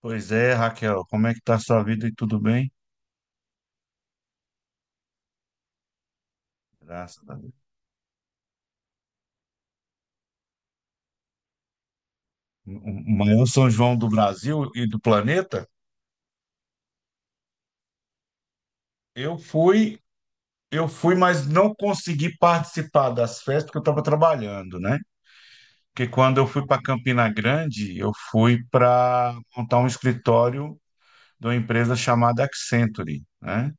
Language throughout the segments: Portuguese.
Pois é, Raquel, como é que tá a sua vida e tudo bem? Graças a Deus. O maior São João do Brasil e do planeta. Eu fui, mas não consegui participar das festas porque eu estava trabalhando, né? Porque quando eu fui para Campina Grande, eu fui para montar um escritório de uma empresa chamada Accenture, né?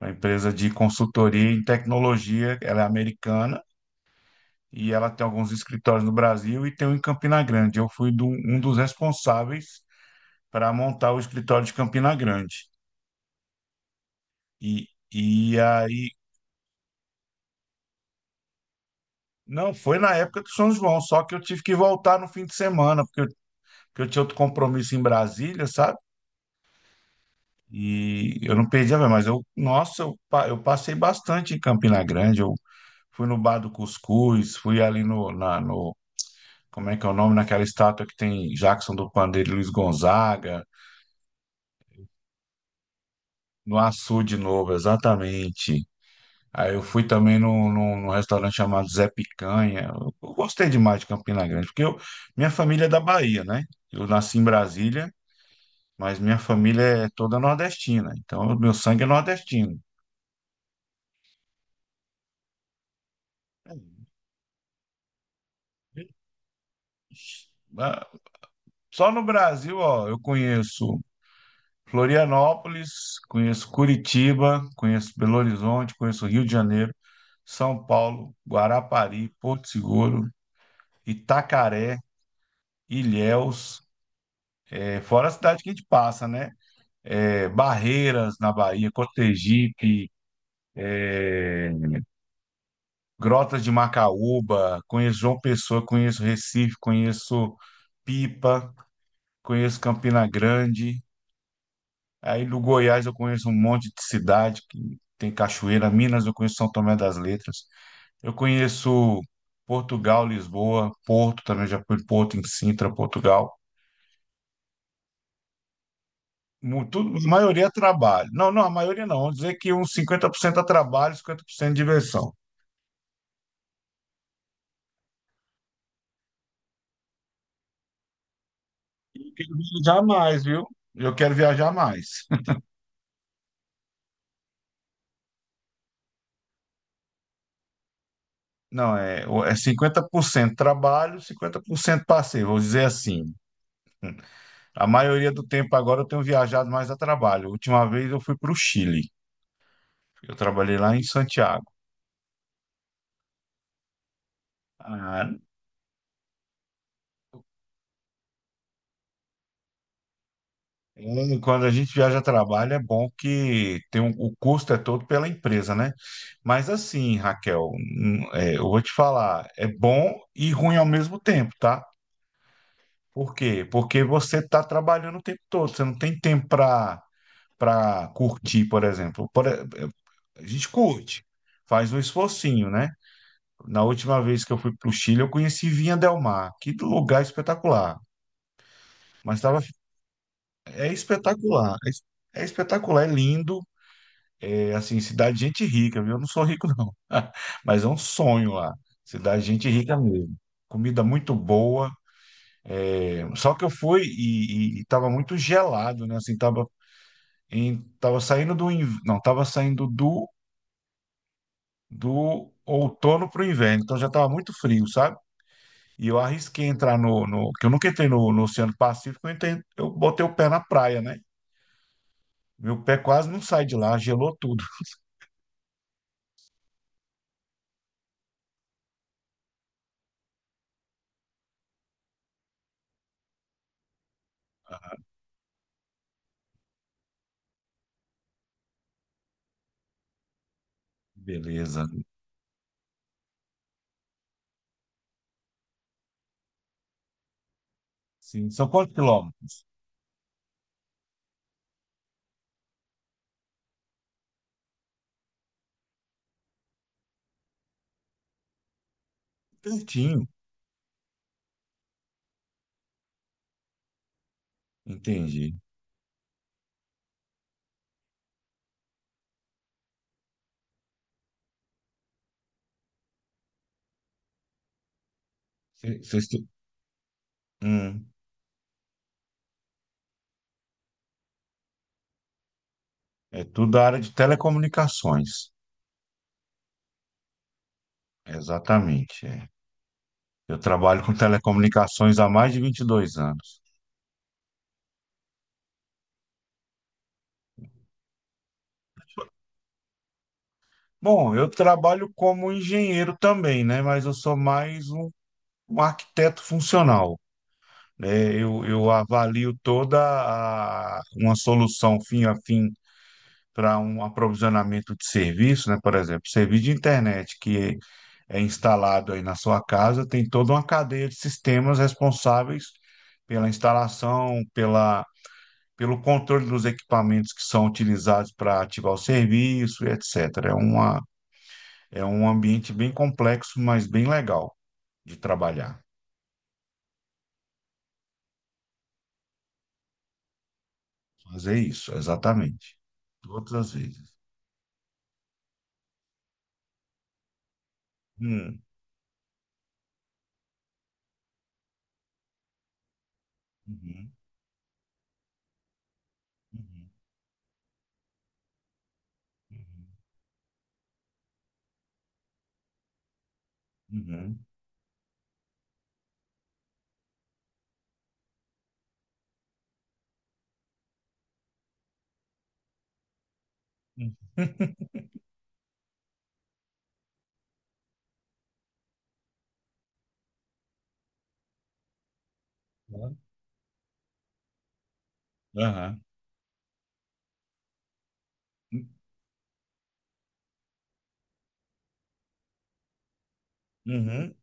Uma empresa de consultoria em tecnologia, ela é americana e ela tem alguns escritórios no Brasil e tem um em Campina Grande. Eu um dos responsáveis para montar o escritório de Campina Grande. E, e aí, não, foi na época do São João, só que eu tive que voltar no fim de semana, porque eu tinha outro compromisso em Brasília, sabe? E eu não perdi a ver, mas eu, nossa, eu, eu passei bastante em Campina Grande. Eu fui no Bar do Cuscuz, fui ali no, na, no, como é que é o nome, naquela estátua que tem Jackson do Pandeiro e Luiz Gonzaga, no Açu de novo, exatamente. Aí eu fui também num restaurante chamado Zé Picanha. Eu gostei demais de Campina Grande, porque eu, minha família é da Bahia, né? Eu nasci em Brasília, mas minha família é toda nordestina, então o meu sangue é nordestino. Ah, só no Brasil, ó, eu conheço Florianópolis, conheço Curitiba, conheço Belo Horizonte, conheço Rio de Janeiro, São Paulo, Guarapari, Porto Seguro, Itacaré, Ilhéus, fora a cidade que a gente passa, né? Barreiras na Bahia, Cotegipe, é, Grotas de Macaúba, conheço João Pessoa, conheço Recife, conheço Pipa, conheço Campina Grande. Aí do Goiás eu conheço um monte de cidade que tem cachoeira, Minas eu conheço São Tomé das Letras. Eu conheço Portugal, Lisboa, Porto também, já fui em Porto em Sintra, Portugal. Tudo, a maioria é trabalho. Não, não, a maioria não. Vamos dizer que uns 50% é trabalho, 50% é diversão. Quero viajar mais, viu? Eu quero viajar mais. Não, é 50% trabalho, 50% passeio, vou dizer assim. A maioria do tempo agora eu tenho viajado mais a trabalho. A última vez eu fui para o Chile. Eu trabalhei lá em Santiago. Ah, é, quando a gente viaja a trabalho é bom que o custo é todo pela empresa, né? Mas assim, Raquel, eu vou te falar, é bom e ruim ao mesmo tempo, tá? Por quê? Porque você está trabalhando o tempo todo, você não tem tempo para curtir, por exemplo. A gente curte, faz um esforcinho, né? Na última vez que eu fui para o Chile, eu conheci Vinha Del Mar. Que lugar espetacular. Mas tava, é espetacular, é espetacular, é lindo. É assim, cidade de gente rica, viu? Eu não sou rico, não. Mas é um sonho lá. Cidade de gente rica mesmo. Comida muito boa. É, só que eu fui e tava muito gelado, né? Assim, tava tava não, tava saindo do do outono para o inverno, então já tava muito frio, sabe? E eu arrisquei entrar no, no que eu nunca entrei no, no Oceano Pacífico, eu, eu botei o pé na praia, né? Meu pé quase não sai de lá, gelou tudo. Beleza. Sim, são quantos quilômetros? Pertinho, entendi. Cê- cês tu- hum, é tudo da área de telecomunicações. Exatamente, é. Eu trabalho com telecomunicações há mais de 22 anos. Bom, eu trabalho como engenheiro também, né? Mas eu sou mais um, um arquiteto funcional, né? Eu avalio uma solução fim a fim para um aprovisionamento de serviço, né? Por exemplo, serviço de internet que é instalado aí na sua casa tem toda uma cadeia de sistemas responsáveis pela instalação, pelo controle dos equipamentos que são utilizados para ativar o serviço, etc. É uma é um ambiente bem complexo, mas bem legal de trabalhar. Fazer isso, exatamente. Todas as vezes. Hum. Uhum. Uhum. Uhum. Uhum. Uhum. Aham. Uhum.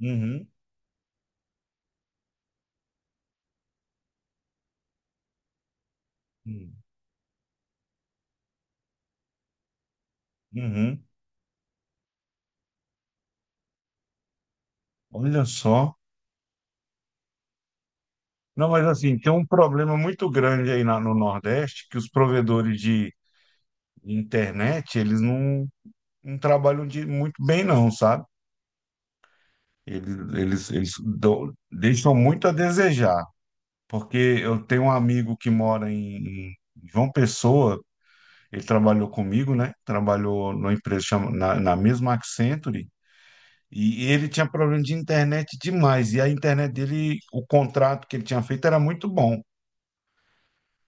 Uhum. Uhum. Uhum. Olha só. Não, mas assim, tem um problema muito grande aí no Nordeste, que os provedores de internet, eles não, não trabalham de, muito bem não, sabe? Eles deixam muito a desejar. Porque eu tenho um amigo que mora em João Pessoa, ele trabalhou comigo, né? Trabalhou numa na mesma Accenture, e ele tinha problema de internet demais, e a internet dele, o contrato que ele tinha feito era muito bom,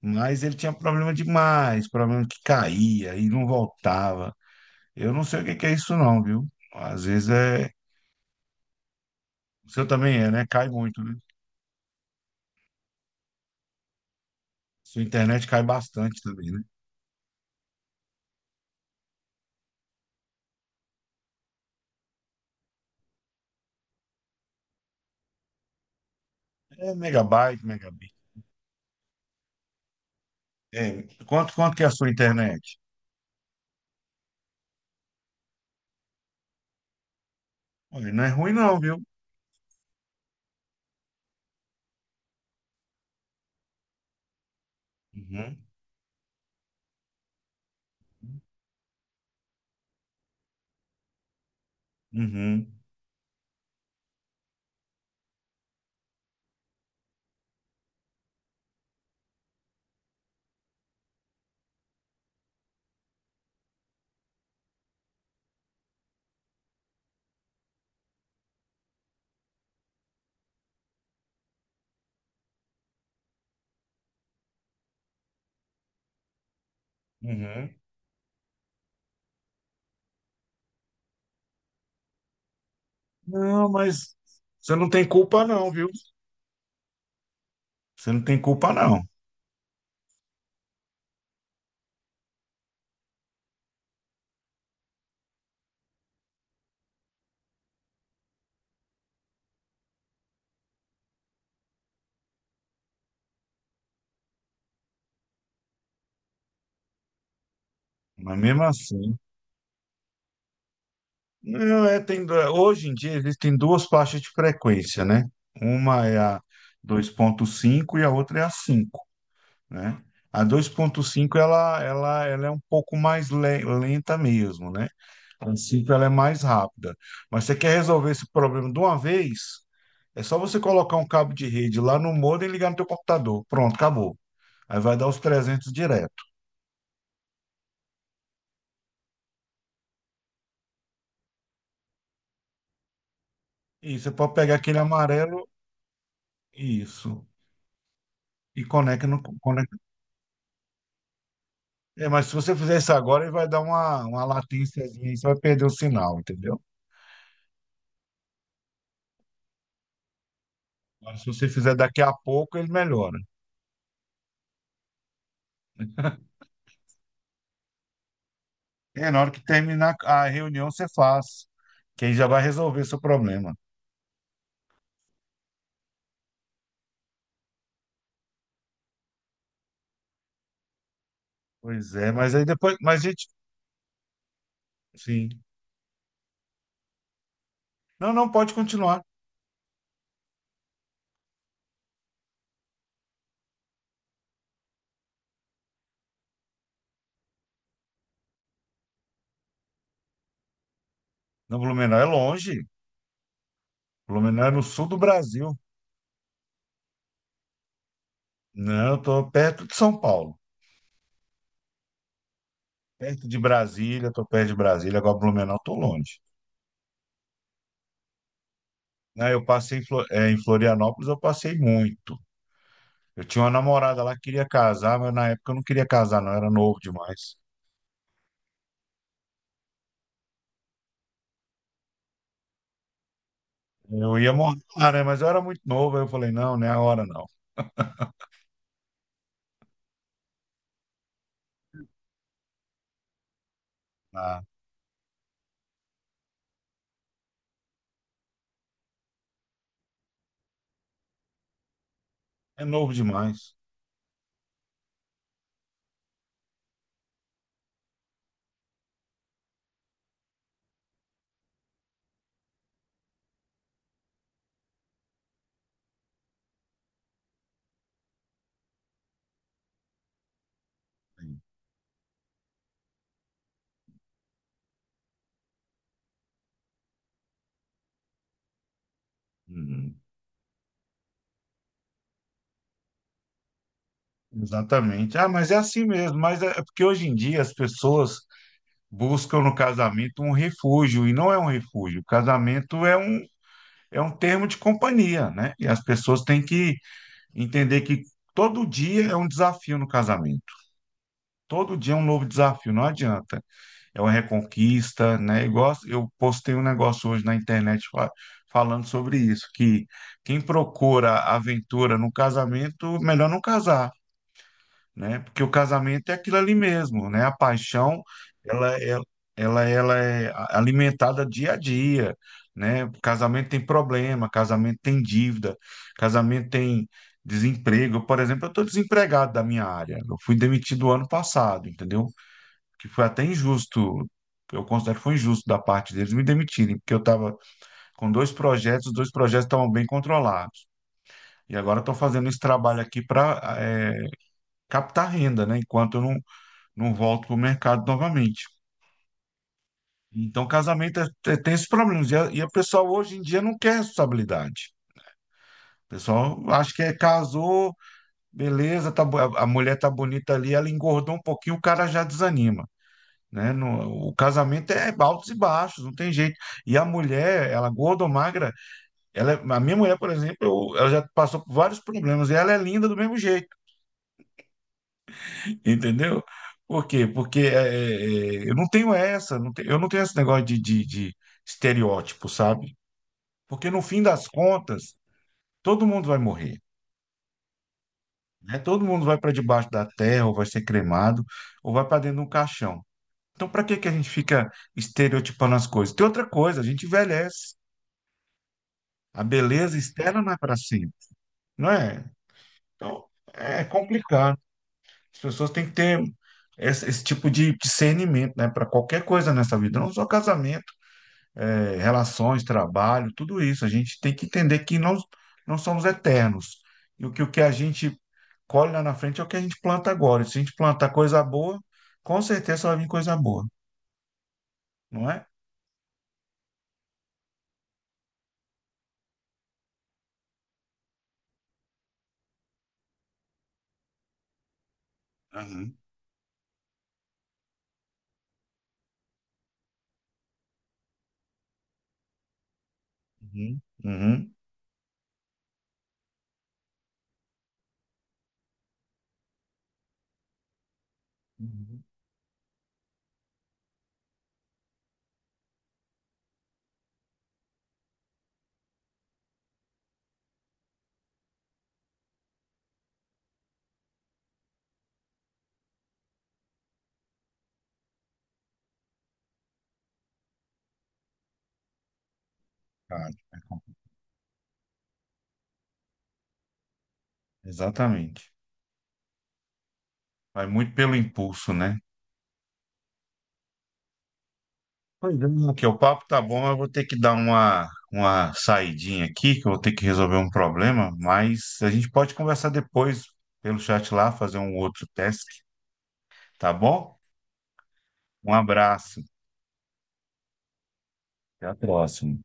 mas ele tinha problema demais, problema que caía e não voltava. Eu não sei o que que é isso não, viu? Às vezes é... O seu também é, né? Cai muito, né? Sua internet cai bastante também, né? É megabyte, megabit. É, quanto que é a sua internet? Olha, não é ruim não, viu? Uhum. Uhum. Uhum. Não, mas você não tem culpa não, viu? Você não tem culpa não. Mas mesmo assim, não é, hoje em dia existem duas faixas de frequência, né? Uma é a dois ponto cinco e a outra é a 5. Né? A 2.5 ela é um pouco lenta mesmo, né? A 5 ela é mais rápida. Mas você quer resolver esse problema de uma vez? É só você colocar um cabo de rede lá no modem e ligar no teu computador. Pronto, acabou. Aí vai dar os 300 direto. E você pode pegar aquele amarelo, isso, e conecta. É, mas se você fizer isso agora, ele vai dar uma latênciazinha aí, você vai perder o sinal, entendeu? Mas se você fizer daqui a pouco, ele melhora. É, na hora que terminar a reunião, você faz. Que aí já vai resolver seu problema. Pois é, mas aí depois. Mas, gente, sim. Não, não, pode continuar. Não, Blumenau é longe. Blumenau é no sul do Brasil. Não, eu tô perto de São Paulo. Perto de Brasília, tô perto de Brasília. Agora, Blumenau, tô longe. Não, eu passei em em Florianópolis, eu passei muito. Eu tinha uma namorada lá que queria casar, mas na época eu não queria casar, não. Eu era novo demais. Eu ia morar, lá, né? Mas eu era muito novo. Aí eu falei, não, não é a hora, não. Ah, é novo demais. Uhum. Exatamente. Ah, mas é assim mesmo. É porque hoje em dia as pessoas buscam no casamento um refúgio, e não é um refúgio. O casamento é é um termo de companhia, né? E as pessoas têm que entender que todo dia é um desafio no casamento. Todo dia é um novo desafio, não adianta. É uma reconquista, né? Igual eu postei um negócio hoje na internet falando sobre isso, que quem procura aventura no casamento, melhor não casar. Né? Porque o casamento é aquilo ali mesmo, né? A paixão, ela é, ela é alimentada dia a dia, né? Casamento tem problema, casamento tem dívida, casamento tem desemprego. Eu, por exemplo, eu estou desempregado da minha área. Eu fui demitido ano passado, entendeu? Que foi até injusto. Eu considero que foi injusto da parte deles me demitirem, porque eu estava com dois projetos, os dois projetos estavam bem controlados. E agora estou fazendo esse trabalho aqui para captar renda, né? Enquanto eu não volto para o mercado novamente. Então, casamento tem esses problemas. E e a pessoa hoje em dia não quer responsabilidade. O pessoal acha que é casou, beleza, a mulher tá bonita ali, ela engordou um pouquinho, o cara já desanima. Né? O casamento é altos e baixos, não tem jeito. E a mulher, ela gorda ou magra, a minha mulher, por exemplo, ela já passou por vários problemas e ela é linda do mesmo jeito. Entendeu? Por quê? Porque eu não tenho essa, eu não tenho esse negócio de estereótipo, sabe? Porque no fim das contas, todo mundo vai morrer, né? Todo mundo vai para debaixo da terra, ou vai ser cremado, ou vai para dentro de um caixão. Então, para que que a gente fica estereotipando as coisas? Tem outra coisa, a gente envelhece. A beleza externa não é para sempre, não é? Então, é complicado. As pessoas têm que ter esse tipo de discernimento, né? Para qualquer coisa nessa vida, não só casamento. É, relações, trabalho, tudo isso. A gente tem que entender que nós não somos eternos. E o que a gente colhe lá na frente é o que a gente planta agora. E se a gente plantar coisa boa, com certeza vai vir coisa boa, não é? Aham. Uhum. Uhum. Uhum. Cara, é com- exatamente. Vai muito pelo impulso, né? Pois é. Aqui, o papo tá bom, mas eu vou ter que dar uma saidinha aqui, que eu vou ter que resolver um problema, mas a gente pode conversar depois pelo chat lá, fazer um outro teste. Tá bom? Um abraço, até a próxima.